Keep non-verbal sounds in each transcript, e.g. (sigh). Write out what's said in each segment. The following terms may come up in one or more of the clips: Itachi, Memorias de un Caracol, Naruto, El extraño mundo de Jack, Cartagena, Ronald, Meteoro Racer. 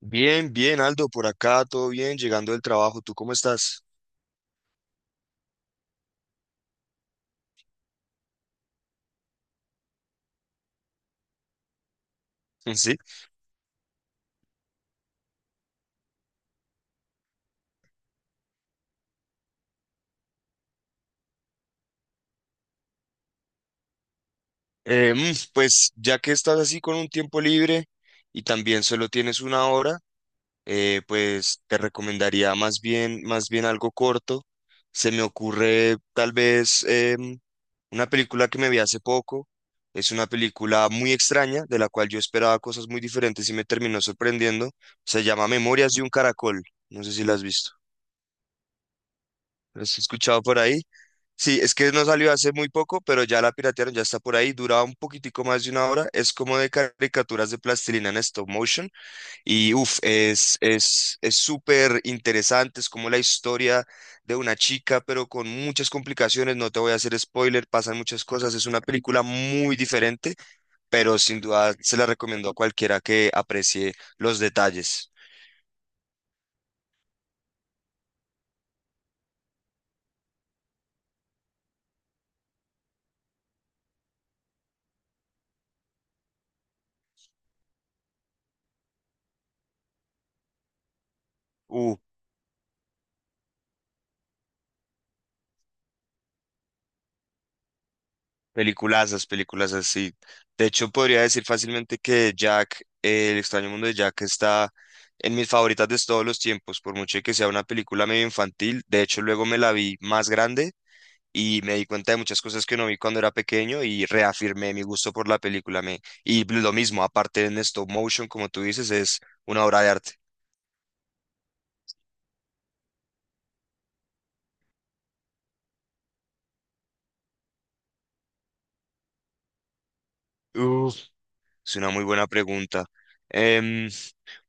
Bien, bien, Aldo, por acá, todo bien, llegando del trabajo, ¿tú cómo estás? (laughs) Sí. Pues ya que estás así con un tiempo libre y también solo tienes una hora, pues te recomendaría más bien algo corto. Se me ocurre tal vez una película que me vi hace poco. Es una película muy extraña, de la cual yo esperaba cosas muy diferentes y me terminó sorprendiendo. Se llama Memorias de un Caracol. No sé si la has visto. ¿La has escuchado por ahí? Sí, es que no salió hace muy poco, pero ya la piratearon, ya está por ahí. Duraba un poquitico más de una hora. Es como de caricaturas de plastilina en stop motion. Y uff, es súper interesante. Es como la historia de una chica, pero con muchas complicaciones. No te voy a hacer spoiler, pasan muchas cosas. Es una película muy diferente, pero sin duda se la recomiendo a cualquiera que aprecie los detalles. Uh, Peliculazas, peliculazas, sí. De hecho, podría decir fácilmente que El extraño mundo de Jack está en mis favoritas de todos los tiempos, por mucho que sea una película medio infantil. De hecho, luego me la vi más grande y me di cuenta de muchas cosas que no vi cuando era pequeño y reafirmé mi gusto por la película. Me... Y lo mismo, aparte en stop motion, como tú dices, es una obra de arte. Uf. Es una muy buena pregunta. Em,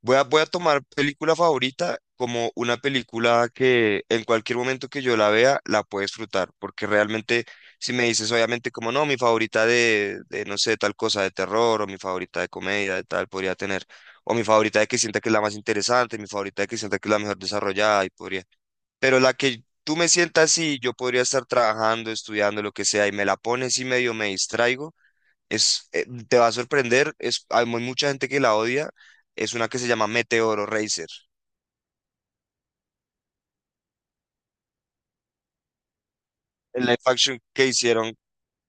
Voy a tomar película favorita como una película que en cualquier momento que yo la vea la puedo disfrutar, porque realmente si me dices obviamente como no, mi favorita de, no sé, tal cosa de terror o mi favorita de comedia de tal podría tener, o mi favorita de que sienta que es la más interesante, mi favorita de que sienta que es la mejor desarrollada y podría, pero la que tú me sientas y yo podría estar trabajando, estudiando, lo que sea y me la pones y medio me distraigo. Te va a sorprender, es, hay mucha gente que la odia, es una que se llama Meteoro Racer, el live action que hicieron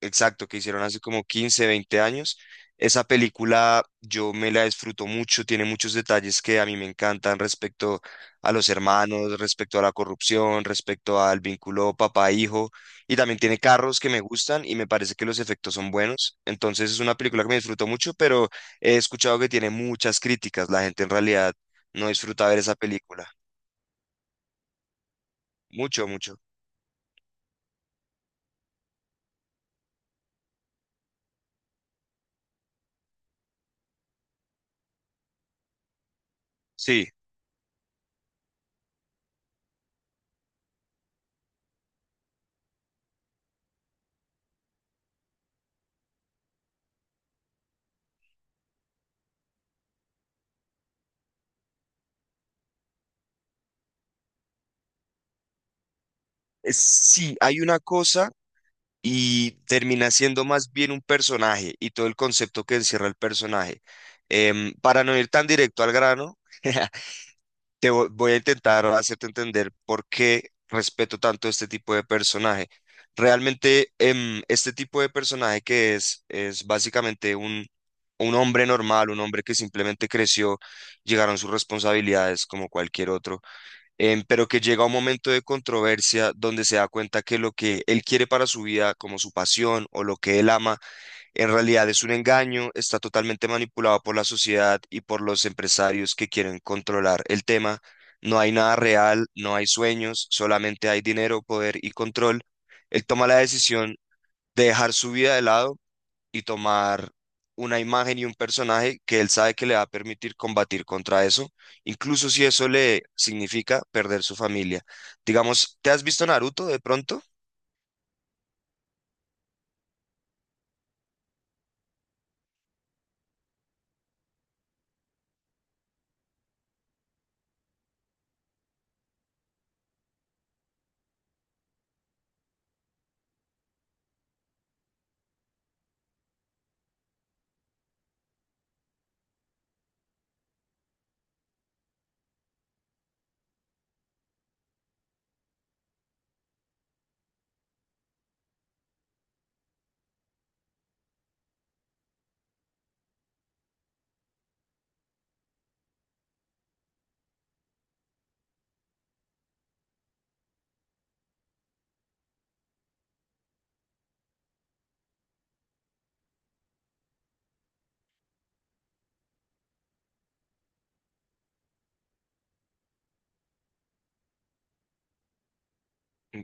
exacto, que hicieron hace como 15, 20 años. Esa película yo me la disfruto mucho, tiene muchos detalles que a mí me encantan respecto a los hermanos, respecto a la corrupción, respecto al vínculo papá-hijo, y también tiene carros que me gustan y me parece que los efectos son buenos. Entonces es una película que me disfruto mucho, pero he escuchado que tiene muchas críticas. La gente en realidad no disfruta ver esa película. Mucho, mucho. Sí. Es- Sí, hay una cosa y termina siendo más bien un personaje y todo el concepto que encierra el personaje. Para no ir tan directo al grano, (laughs) voy a intentar hacerte entender por qué respeto tanto este tipo de personaje. Realmente, este tipo de personaje que es básicamente un hombre normal, un hombre que simplemente creció, llegaron sus responsabilidades como cualquier otro pero que llega un momento de controversia donde se da cuenta que lo que él quiere para su vida, como su pasión o lo que él ama, en realidad es un engaño, está totalmente manipulado por la sociedad y por los empresarios que quieren controlar el tema. No hay nada real, no hay sueños, solamente hay dinero, poder y control. Él toma la decisión de dejar su vida de lado y tomar una imagen y un personaje que él sabe que le va a permitir combatir contra eso, incluso si eso le significa perder su familia. Digamos, ¿te has visto Naruto de pronto? Me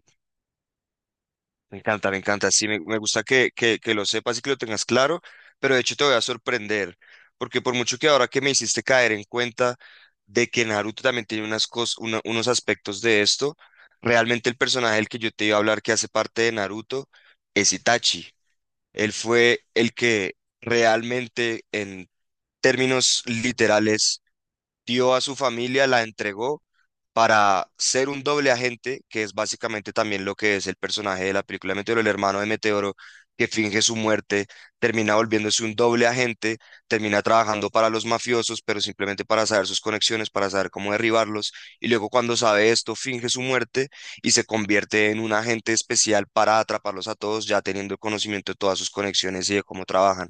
me encanta, me encanta. Sí, me gusta que lo sepas y que lo tengas claro, pero de hecho te voy a sorprender, porque por mucho que ahora que me hiciste caer en cuenta de que Naruto también tiene unos aspectos de esto, realmente el personaje del que yo te iba a hablar que hace parte de Naruto es Itachi. Él fue el que realmente en términos literales dio a su familia, la entregó para ser un doble agente, que es básicamente también lo que es el personaje de la película Meteoro, el hermano de Meteoro, que finge su muerte, termina volviéndose un doble agente, termina trabajando para los mafiosos, pero simplemente para saber sus conexiones, para saber cómo derribarlos, y luego cuando sabe esto, finge su muerte y se convierte en un agente especial para atraparlos a todos, ya teniendo conocimiento de todas sus conexiones y de cómo trabajan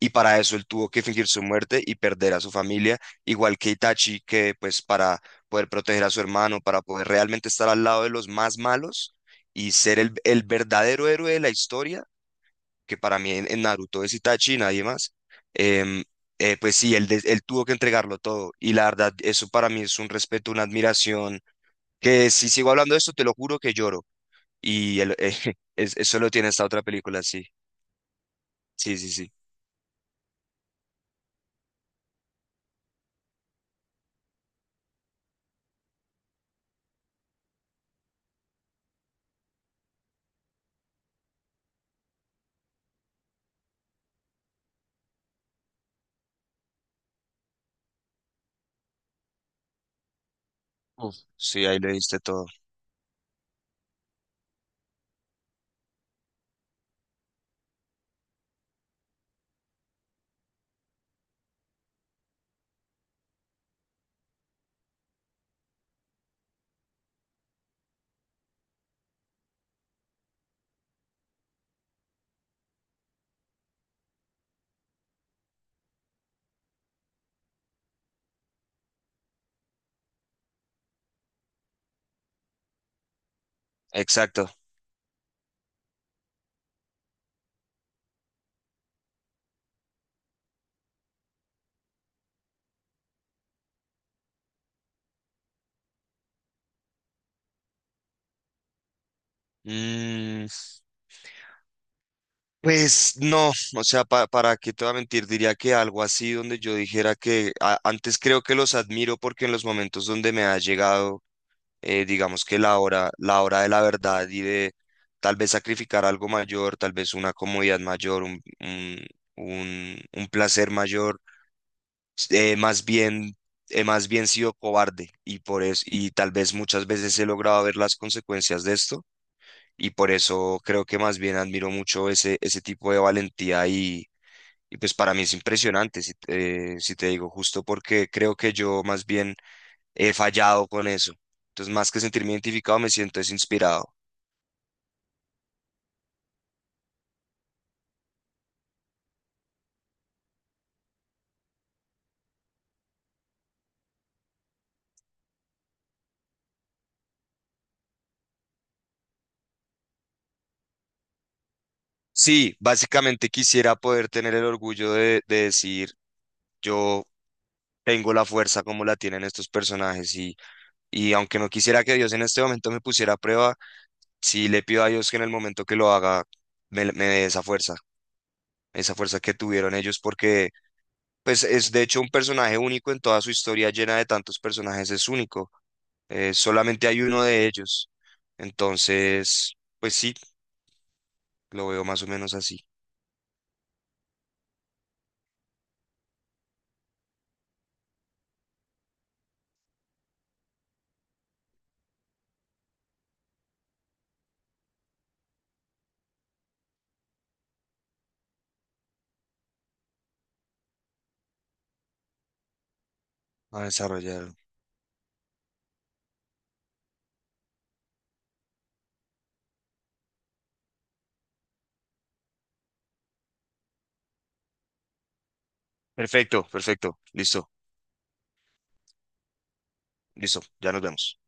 y para eso él tuvo que fingir su muerte y perder a su familia, igual que Itachi, que pues para poder proteger a su hermano, para poder realmente estar al lado de los más malos y ser el verdadero héroe de la historia, que para mí en Naruto es Itachi y nadie más, em, pues sí, él tuvo que entregarlo todo y la verdad, eso para mí es un respeto, una admiración, que si sigo hablando de esto, te lo juro que lloro y el- (laughs) eh, eso lo tiene esta otra película, sí. Uf, sí, ahí le diste todo. Exacto. Mm, pues no, o sea, para qué te voy a mentir, diría que algo así donde yo dijera que antes creo que los admiro porque en los momentos donde me ha llegado, digamos que la hora de la verdad y de tal vez sacrificar algo mayor, tal vez una comodidad mayor, un placer mayor, más bien, he más bien sido cobarde y por eso, y tal vez muchas veces he logrado ver las consecuencias de esto y por eso creo que más bien admiro mucho ese tipo de valentía y pues para mí es impresionante, si, si te digo, justo porque creo que yo más bien he fallado con eso. Entonces, más que sentirme identificado, me siento es inspirado. Sí, básicamente quisiera poder tener el orgullo de decir, yo tengo la fuerza como la tienen estos personajes y aunque no quisiera que Dios en este momento me pusiera a prueba, sí le pido a Dios que en el momento que lo haga me dé esa fuerza que tuvieron ellos porque Pues es de hecho un personaje único en toda su historia llena de tantos personajes, es único. Solamente hay uno de ellos. Entonces, pues sí, lo veo más o menos así, a desarrollarlo. Perfecto, perfecto, listo, listo, ya nos vemos.